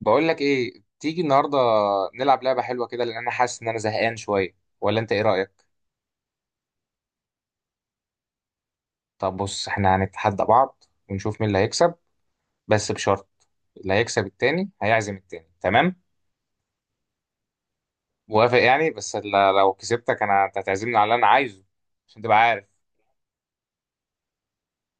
بقول لك ايه، تيجي النهارده نلعب لعبه حلوه كده، لان انا حاسس ان انا زهقان شويه، ولا انت ايه رايك؟ طب بص، احنا هنتحدى بعض ونشوف مين اللي هيكسب، بس بشرط، اللي هيكسب التاني هيعزم التاني. تمام؟ موافق يعني، بس لو كسبتك انا، انت هتعزمني على اللي انا عايزه، عشان تبقى عارف.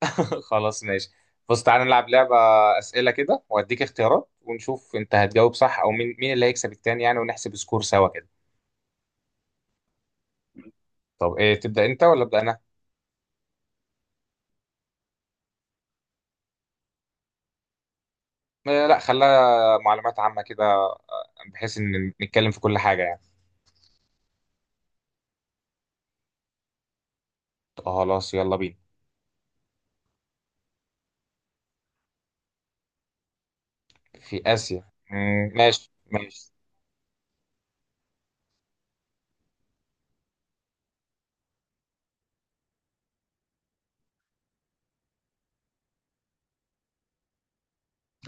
خلاص ماشي. بص تعالى نلعب لعبه، اسئله كده واديك اختيارات، ونشوف انت هتجاوب صح، او مين اللي هيكسب التاني يعني، ونحسب سكور سوا كده. طب ايه، تبدا انت ولا ابدا انا؟ آه، لا خليها معلومات عامه كده، بحيث ان نتكلم في كل حاجه يعني. خلاص يلا بينا. في اسيا، ماشي ماشي.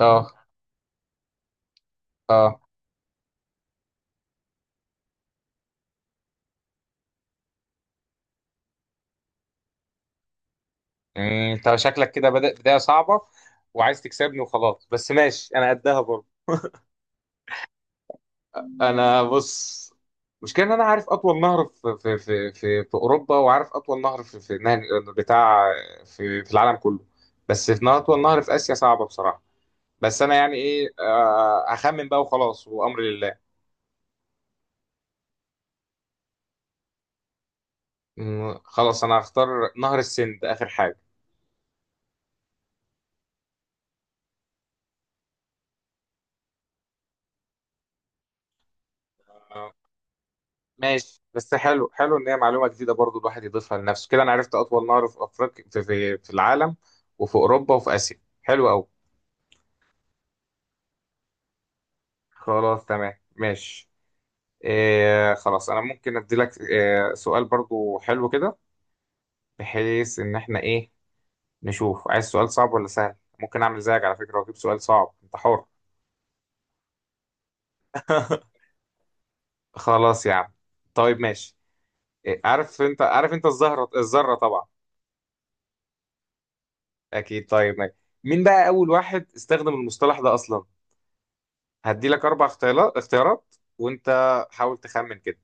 اه اه. مم، انت شكلك كده بدأ بدايه صعبه، وعايز تكسبني وخلاص، بس ماشي انا قدها برضه. انا بص، مشكلة ان انا عارف اطول نهر في اوروبا، وعارف اطول نهر في نهر بتاع في العالم كله. بس في نهر اطول نهر في اسيا صعبة بصراحة. بس انا يعني ايه، اخمن بقى وخلاص وامر لله. خلاص انا هختار نهر السند اخر حاجة. آه. ماشي، بس حلو حلو ان هي معلومه جديده برضو، الواحد يضيفها لنفسه كده. انا عرفت اطول نهر في افريقيا، في العالم وفي اوروبا وفي اسيا، حلو قوي. خلاص تمام ماشي. إيه خلاص، انا ممكن ادي لك إيه سؤال برضو حلو كده، بحيث ان احنا ايه، نشوف عايز سؤال صعب ولا سهل. ممكن اعمل زيك على فكره واجيب سؤال صعب، انت حر. خلاص يا عم، طيب ماشي. إيه، عارف انت الزهره الذره طبعا. اكيد طيب ماشي. مين بقى اول واحد استخدم المصطلح ده اصلا؟ هدي لك اربع اختيارات وانت حاول تخمن كده.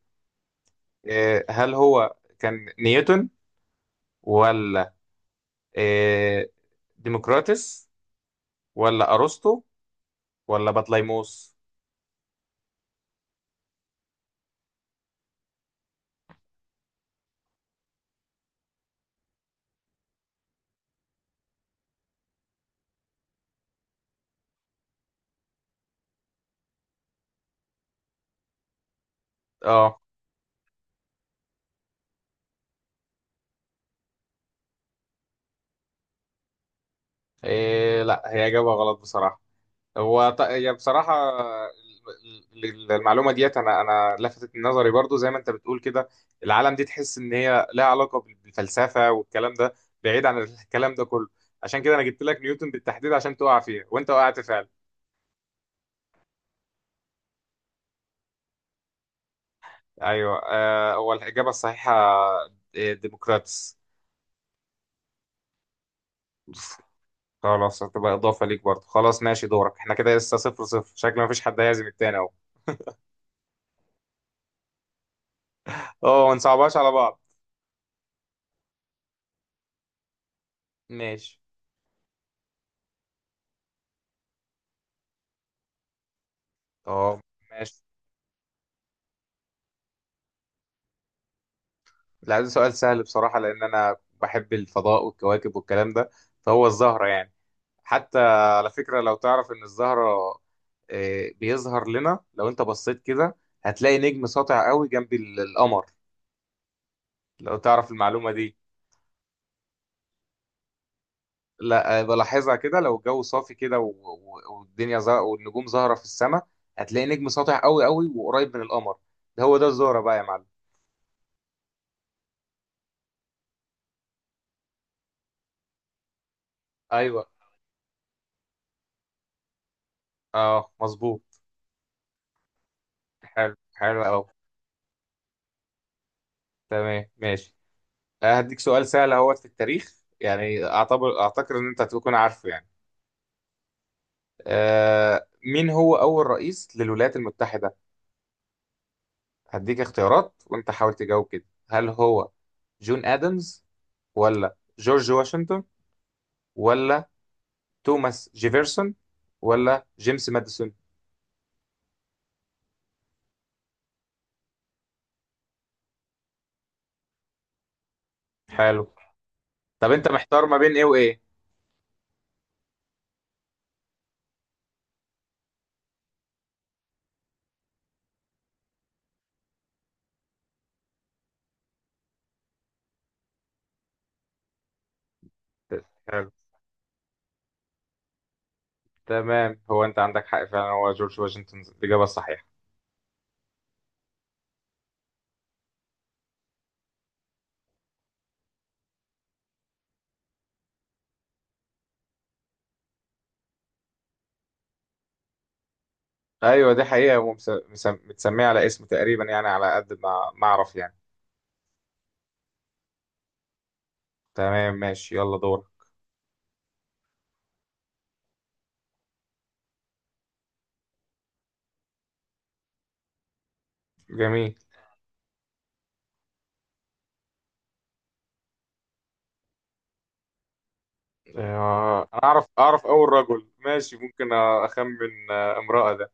إيه، هل هو كان نيوتن، ولا إيه، ديموكراتس، ولا ارسطو، ولا بطليموس؟ اه. لا، هي اجابه غلط بصراحه. هي بصراحه، المعلومه ديت، انا انا لفتت نظري برضو، زي ما انت بتقول كده، العالم دي تحس ان هي لها علاقه بالفلسفه والكلام ده، بعيد عن الكلام ده كله. عشان كده انا جبت لك نيوتن بالتحديد عشان تقع فيها وانت وقعت فعلا. ايوه، هو الاجابه الصحيحه ديموكراتس. خلاص هتبقى اضافه ليك برضه. خلاص ماشي دورك. احنا كده لسه صفر صفر، شكل مفيش حد هيعزم التاني اهو. اه، ما نصعبهاش على بعض. ماشي اه ماشي. لا ده سؤال سهل بصراحه، لان انا بحب الفضاء والكواكب والكلام ده، فهو الزهره يعني. حتى على فكره، لو تعرف ان الزهره، بيظهر لنا لو انت بصيت كده، هتلاقي نجم ساطع قوي جنب القمر، لو تعرف المعلومه دي. لا بلاحظها كده، لو الجو صافي كده، والدنيا والنجوم ظاهرة في السماء، هتلاقي نجم ساطع قوي قوي وقريب من القمر، ده هو ده الزهرة بقى يا معلم. ايوه، اه مظبوط. حلو، حلو قوي. تمام ماشي. هديك سؤال سهل اهوت في التاريخ، يعني اعتبر اعتقد ان انت هتكون عارفه يعني. مين هو اول رئيس للولايات المتحدة؟ هديك اختيارات وانت حاول تجاوب كده. هل هو جون ادمز، ولا جورج واشنطن، ولا توماس جيفرسون، ولا جيمس ماديسون؟ حلو. طب انت محتار ما بين ايه وايه؟ حلو. تمام، هو انت عندك حق فعلا، هو جورج واشنطن الاجابه الصحيحه. ايوه دي حقيقه، ومس- مس- مس- متسميه على اسمه تقريبا يعني، على قد ما اعرف يعني. تمام ماشي يلا دور. جميل. انا اعرف اول رجل، ماشي ممكن اخمن. امرأة ده.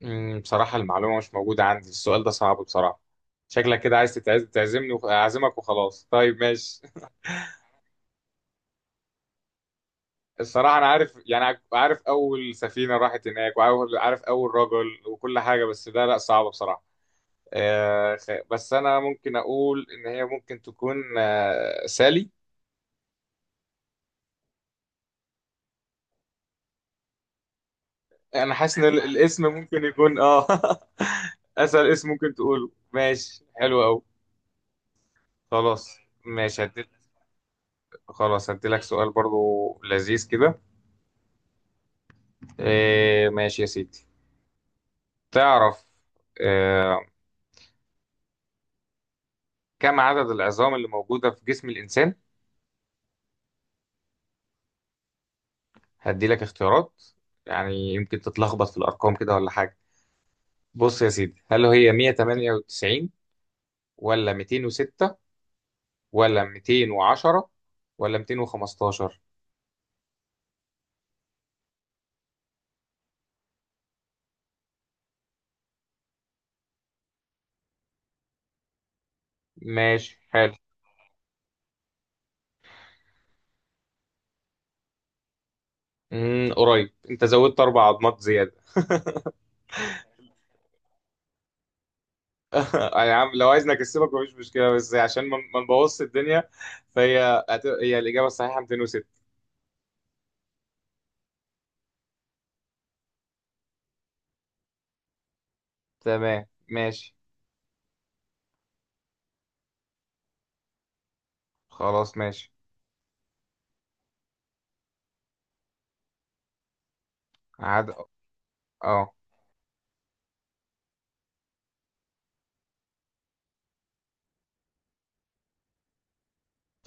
بصراحة المعلومة مش موجودة عندي، السؤال ده صعب بصراحة. شكلك كده عايز تعزمني وخ- اعزمك وخلاص، طيب ماشي. الصراحة أنا عارف، يعني عارف أول سفينة راحت هناك، وعارف أول رجل وكل حاجة، بس ده لأ صعبة بصراحة. بس أنا ممكن أقول إن هي ممكن تكون، سالي. أنا حاسس إن الاسم ممكن يكون أسهل اسم ممكن تقوله، ماشي حلو أوي. خلاص. ماشي هديت. خلاص هديلك سؤال برضو لذيذ كده. ماشي يا سيدي. تعرف، آه، كم عدد العظام اللي موجودة في جسم الإنسان؟ هدي لك اختيارات، يعني يمكن تتلخبط في الأرقام كده ولا حاجة. بص يا سيدي، هل هي 198 ولا 206 ولا 210 ولا 215؟ ماشي حلو. قريب، انت زودت اربع عضمات زيادة. يا عم، لو عايزني اكسبك مفيش مشكلة، بس عشان ما نبوظش الدنيا. فهي هت- هي الإجابة الصحيحة 206. تمام ماشي. خلاص ماشي. عاد اه.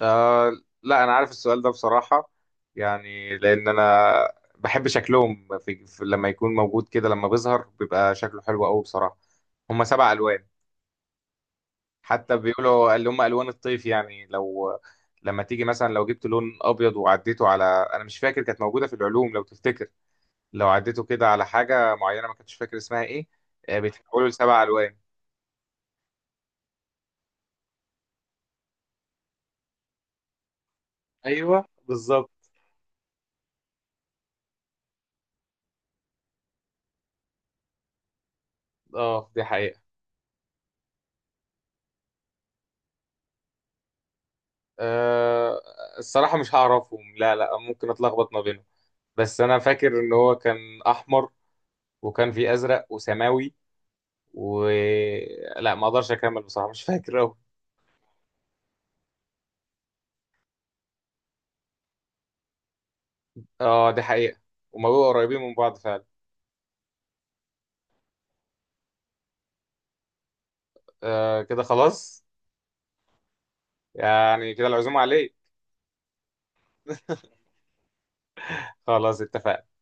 آه لا، انا عارف السؤال ده بصراحه، يعني لان انا بحب شكلهم لما يكون موجود كده، لما بيظهر بيبقى شكله حلو قوي بصراحه. هم سبع الوان. حتى بيقولوا اللي هم الوان الطيف يعني، لو لما تيجي مثلا لو جبت لون ابيض وعديته على، انا مش فاكر كانت موجوده في العلوم لو تفتكر، لو عديته كده على حاجه معينه، ما كنتش فاكر اسمها ايه. بيتحولوا لسبع الوان. ايوه بالظبط، اه دي حقيقه. أه الصراحه مش هعرفهم، لا لا ممكن اتلخبط ما بينهم. بس انا فاكر ان هو كان احمر، وكان في ازرق وسماوي، و لا، ما اقدرش اكمل بصراحه مش فاكر أوي. اه دي حقيقه، هما بيبقوا قريبين من بعض فعلا. آه كده خلاص. يعني كده العزومه عليه. خلاص اتفقنا.